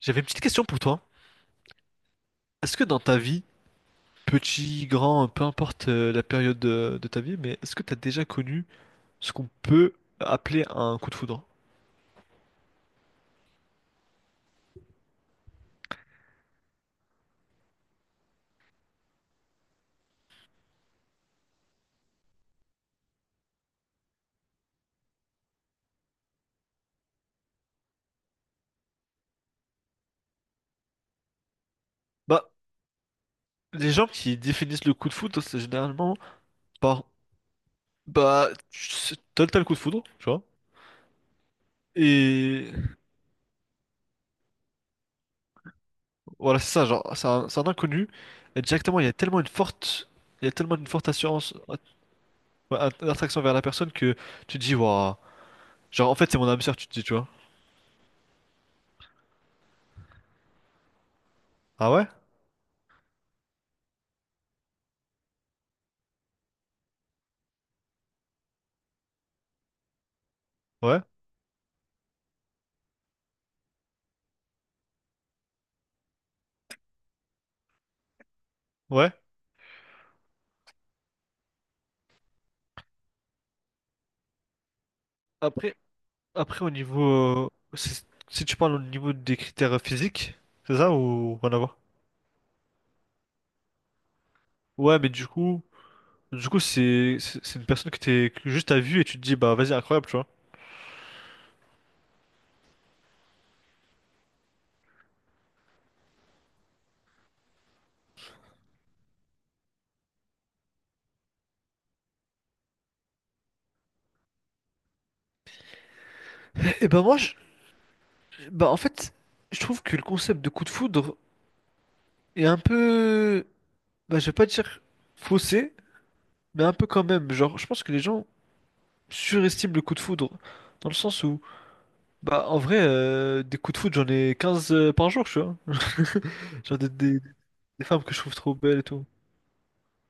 J'avais une petite question pour toi. Est-ce que dans ta vie, petit, grand, peu importe la période de ta vie, mais est-ce que tu as déjà connu ce qu'on peut appeler un coup de foudre? Bah, les gens qui définissent le coup de foudre, c'est généralement par, t'as le coup de foudre, tu vois? Et voilà, c'est ça, genre, c'est un inconnu. Et directement, il y a tellement une forte assurance, ouais, attraction vers la personne que tu te dis, waouh, genre, en fait, c'est mon âme sœur, tu te dis, tu vois. Ah ouais? Ouais? Ouais? Après, Après, au niveau. Si si tu parles au niveau des critères physiques, c'est ça ou rien à voir? Ouais, mais du coup, c'est une personne que t'es que juste à vue et tu te dis, bah vas-y, incroyable, tu vois. Et ben bah en fait, je trouve que le concept de coup de foudre est un peu, bah je vais pas dire faussé, mais un peu quand même. Genre, je pense que les gens surestiment le coup de foudre, dans le sens où, bah en vrai, des coups de foudre, j'en ai 15 par jour, tu vois. Genre des, des- des femmes que je trouve trop belles et tout.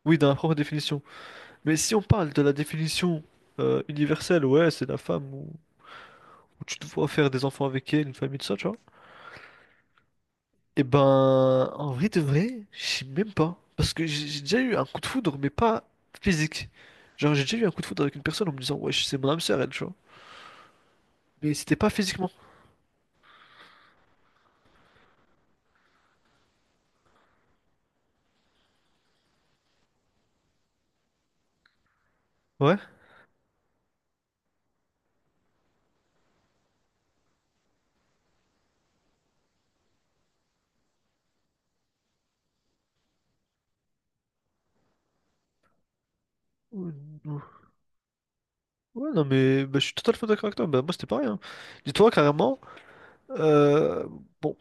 Oui, dans la propre définition. Mais si on parle de la définition universelle, ouais, c'est la femme où tu te vois faire des enfants avec elle, une famille, tout ça, tu vois. Et ben, en vrai de vrai, je sais même pas. Parce que j'ai déjà eu un coup de foudre, mais pas physique. Genre, j'ai déjà eu un coup de foudre avec une personne en me disant, ouais, c'est mon âme sœur, elle, tu vois. Mais c'était pas physiquement. Ouais. Ouh, ouh. Ouais, non, mais bah, je suis totalement d'accord avec toi. Bah, moi, c'était pareil. Hein. Dis-toi, carrément, euh, bon,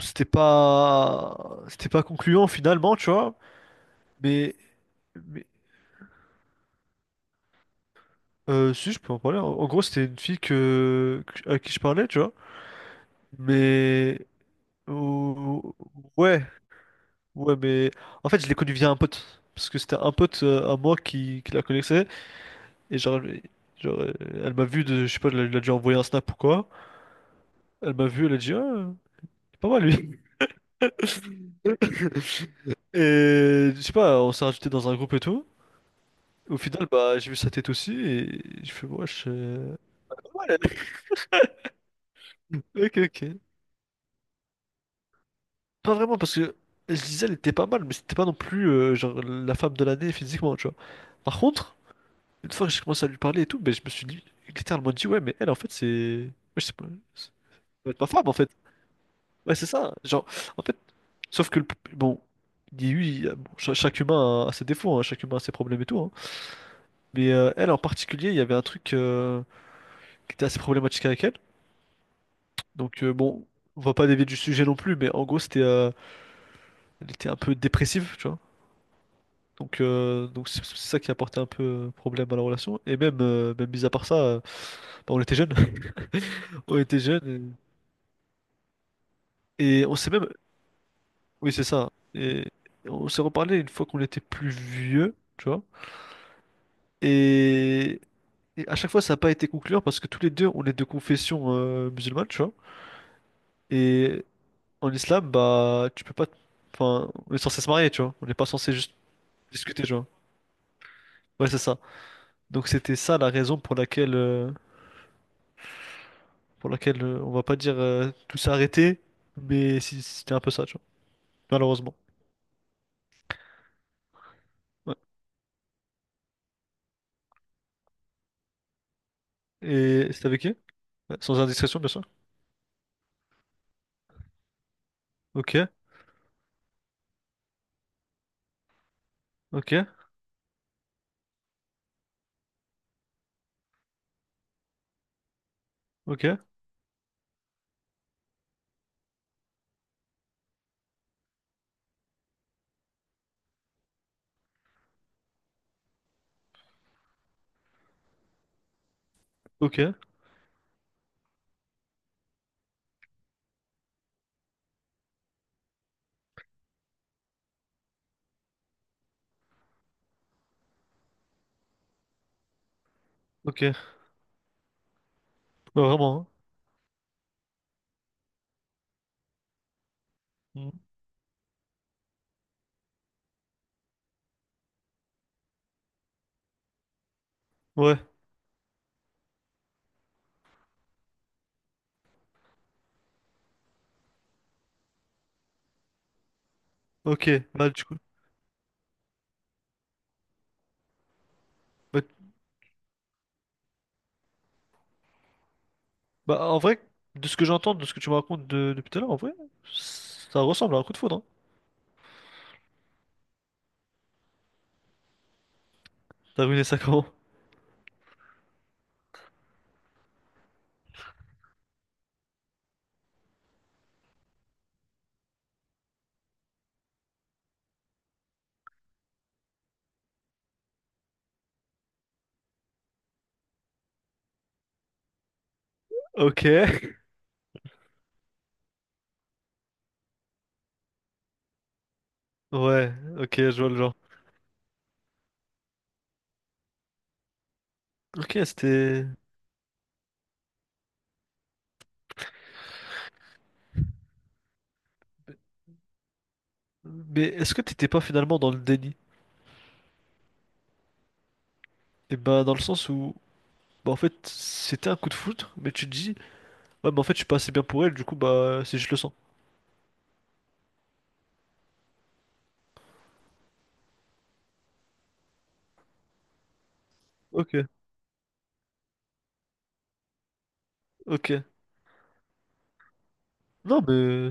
c'était pas... c'était pas concluant finalement, tu vois. Mais. Mais, si, je peux en parler. En gros, c'était une fille à qui je parlais, tu vois. Mais. ou- Ouais, ouais, mais. En fait, je l'ai connue via un pote. Parce que c'était un pote à moi qui la connaissait. Et genre, genre euh, elle m'a vu, de, je sais pas, elle a dû envoyer un snap ou quoi. Elle m'a vu, elle a dit, ah, il est pas mal lui. Et je sais pas, on s'est rajouté dans un groupe et tout. Au final, bah, j'ai vu sa tête aussi. Et je fais, wesh. Pas mal, elle. Ok, ok. Pas vraiment, parce que je disais elle était pas mal, mais c'était pas non plus genre la femme de l'année physiquement, tu vois. Par contre, une fois que j'ai commencé à lui parler et tout, ben, je me suis dit, littéralement dit, ouais, mais elle, en fait, c'est. Ouais, je sais pas. Ça doit être ma femme, en fait. Ouais, c'est ça. Genre, en fait, sauf que le. bon, il y a eu. Il y a- bon, chaque humain a ses défauts, hein, chaque humain a ses problèmes et tout. Hein. Mais elle, en particulier, il y avait un truc qui était assez problématique avec elle. Donc, bon, on va pas dévier du sujet non plus, mais en gros, c'était. Elle était un peu dépressive, tu vois. Donc c'est ça qui a porté un peu problème à la relation. Et même, mis à part ça, bah, on était jeunes. On était jeunes et on s'est même. Oui, c'est ça. Et on s'est reparlé une fois qu'on était plus vieux, tu vois. Et, et à chaque fois, ça n'a pas été concluant parce que tous les deux, on est de confession musulmane, tu vois. Et en islam, bah, tu peux pas. Enfin, on est censé se marier, tu vois. On n'est pas censé juste discuter, tu vois. Ouais, c'est ça. Donc, c'était ça la raison pour laquelle on va pas dire tout s'est arrêté, mais si c'était un peu ça, tu vois. Malheureusement. Ouais. Et c'était avec qui? Ouais, sans indiscrétion, bien sûr. Ok, ok, ok, ok, ok. Ouais, vraiment, hein. Mhm. Ouais, ok. Bah, du coup, bah, bah, en vrai, de ce que j'entends, de ce que tu me racontes depuis tout à l'heure, en vrai, ça ressemble à un coup de foudre, hein. T'as ruiné ça comment? Ok. Ouais, ok, je vois le genre. Ok, c'était... Mais est-ce que t'étais pas finalement dans le déni? Eh ben, dans le sens où... Bah en fait, c'était un coup de foudre, mais tu te dis, ouais, mais en fait, je suis pas assez bien pour elle, du coup, bah, c'est juste le sang. Ok, ok. Non, mais.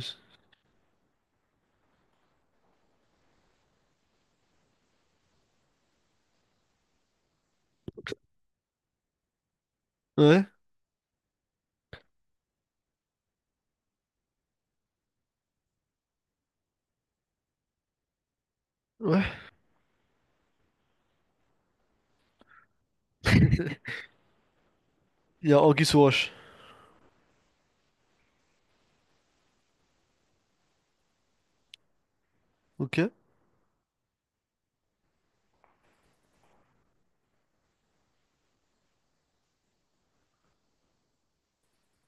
Ouais, ouais. Il y a anguille sous roche. Ok,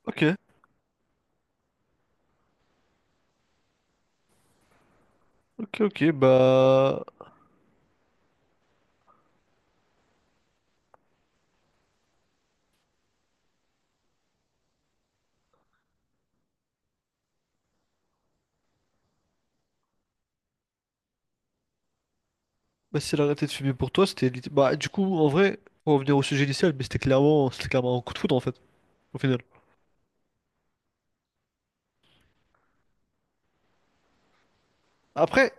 ok, ok, ok. Bah. Bah, si elle a arrêté de fumer pour toi, bah, du coup, en vrai, pour revenir au sujet initial, mais c'était clairement un coup de foudre, en fait, au final. Après,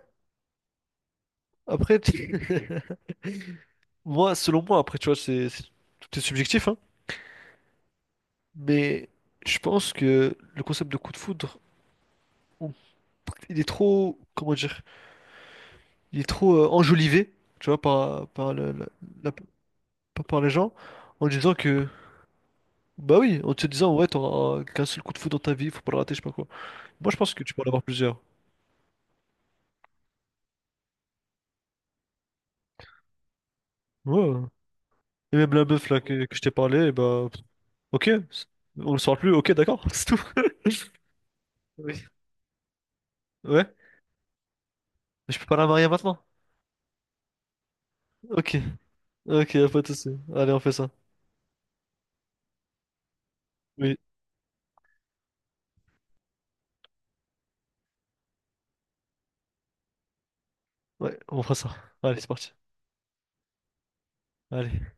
après, moi, selon moi, après, tu vois, tout est subjectif, hein. Mais je pense que le concept de coup de foudre, il est trop, comment dire, il est trop enjolivé, tu vois, par, par, le- la- la- par par les gens, en disant que, bah oui, en te disant, ouais, t'auras qu'un seul coup de foudre dans ta vie, faut pas le rater, je sais pas quoi. Moi, je pense que tu peux en avoir plusieurs. Ouais. Et même la meuf, là, que je t'ai parlé, bah, ok, on le saura plus, ok, d'accord, c'est tout. Oui. Ouais, mais je peux pas la marier maintenant. Ok, ok, y a pas de souci. Allez, on fait ça. Oui, ouais, on fera ça. Allez, c'est parti. Allez.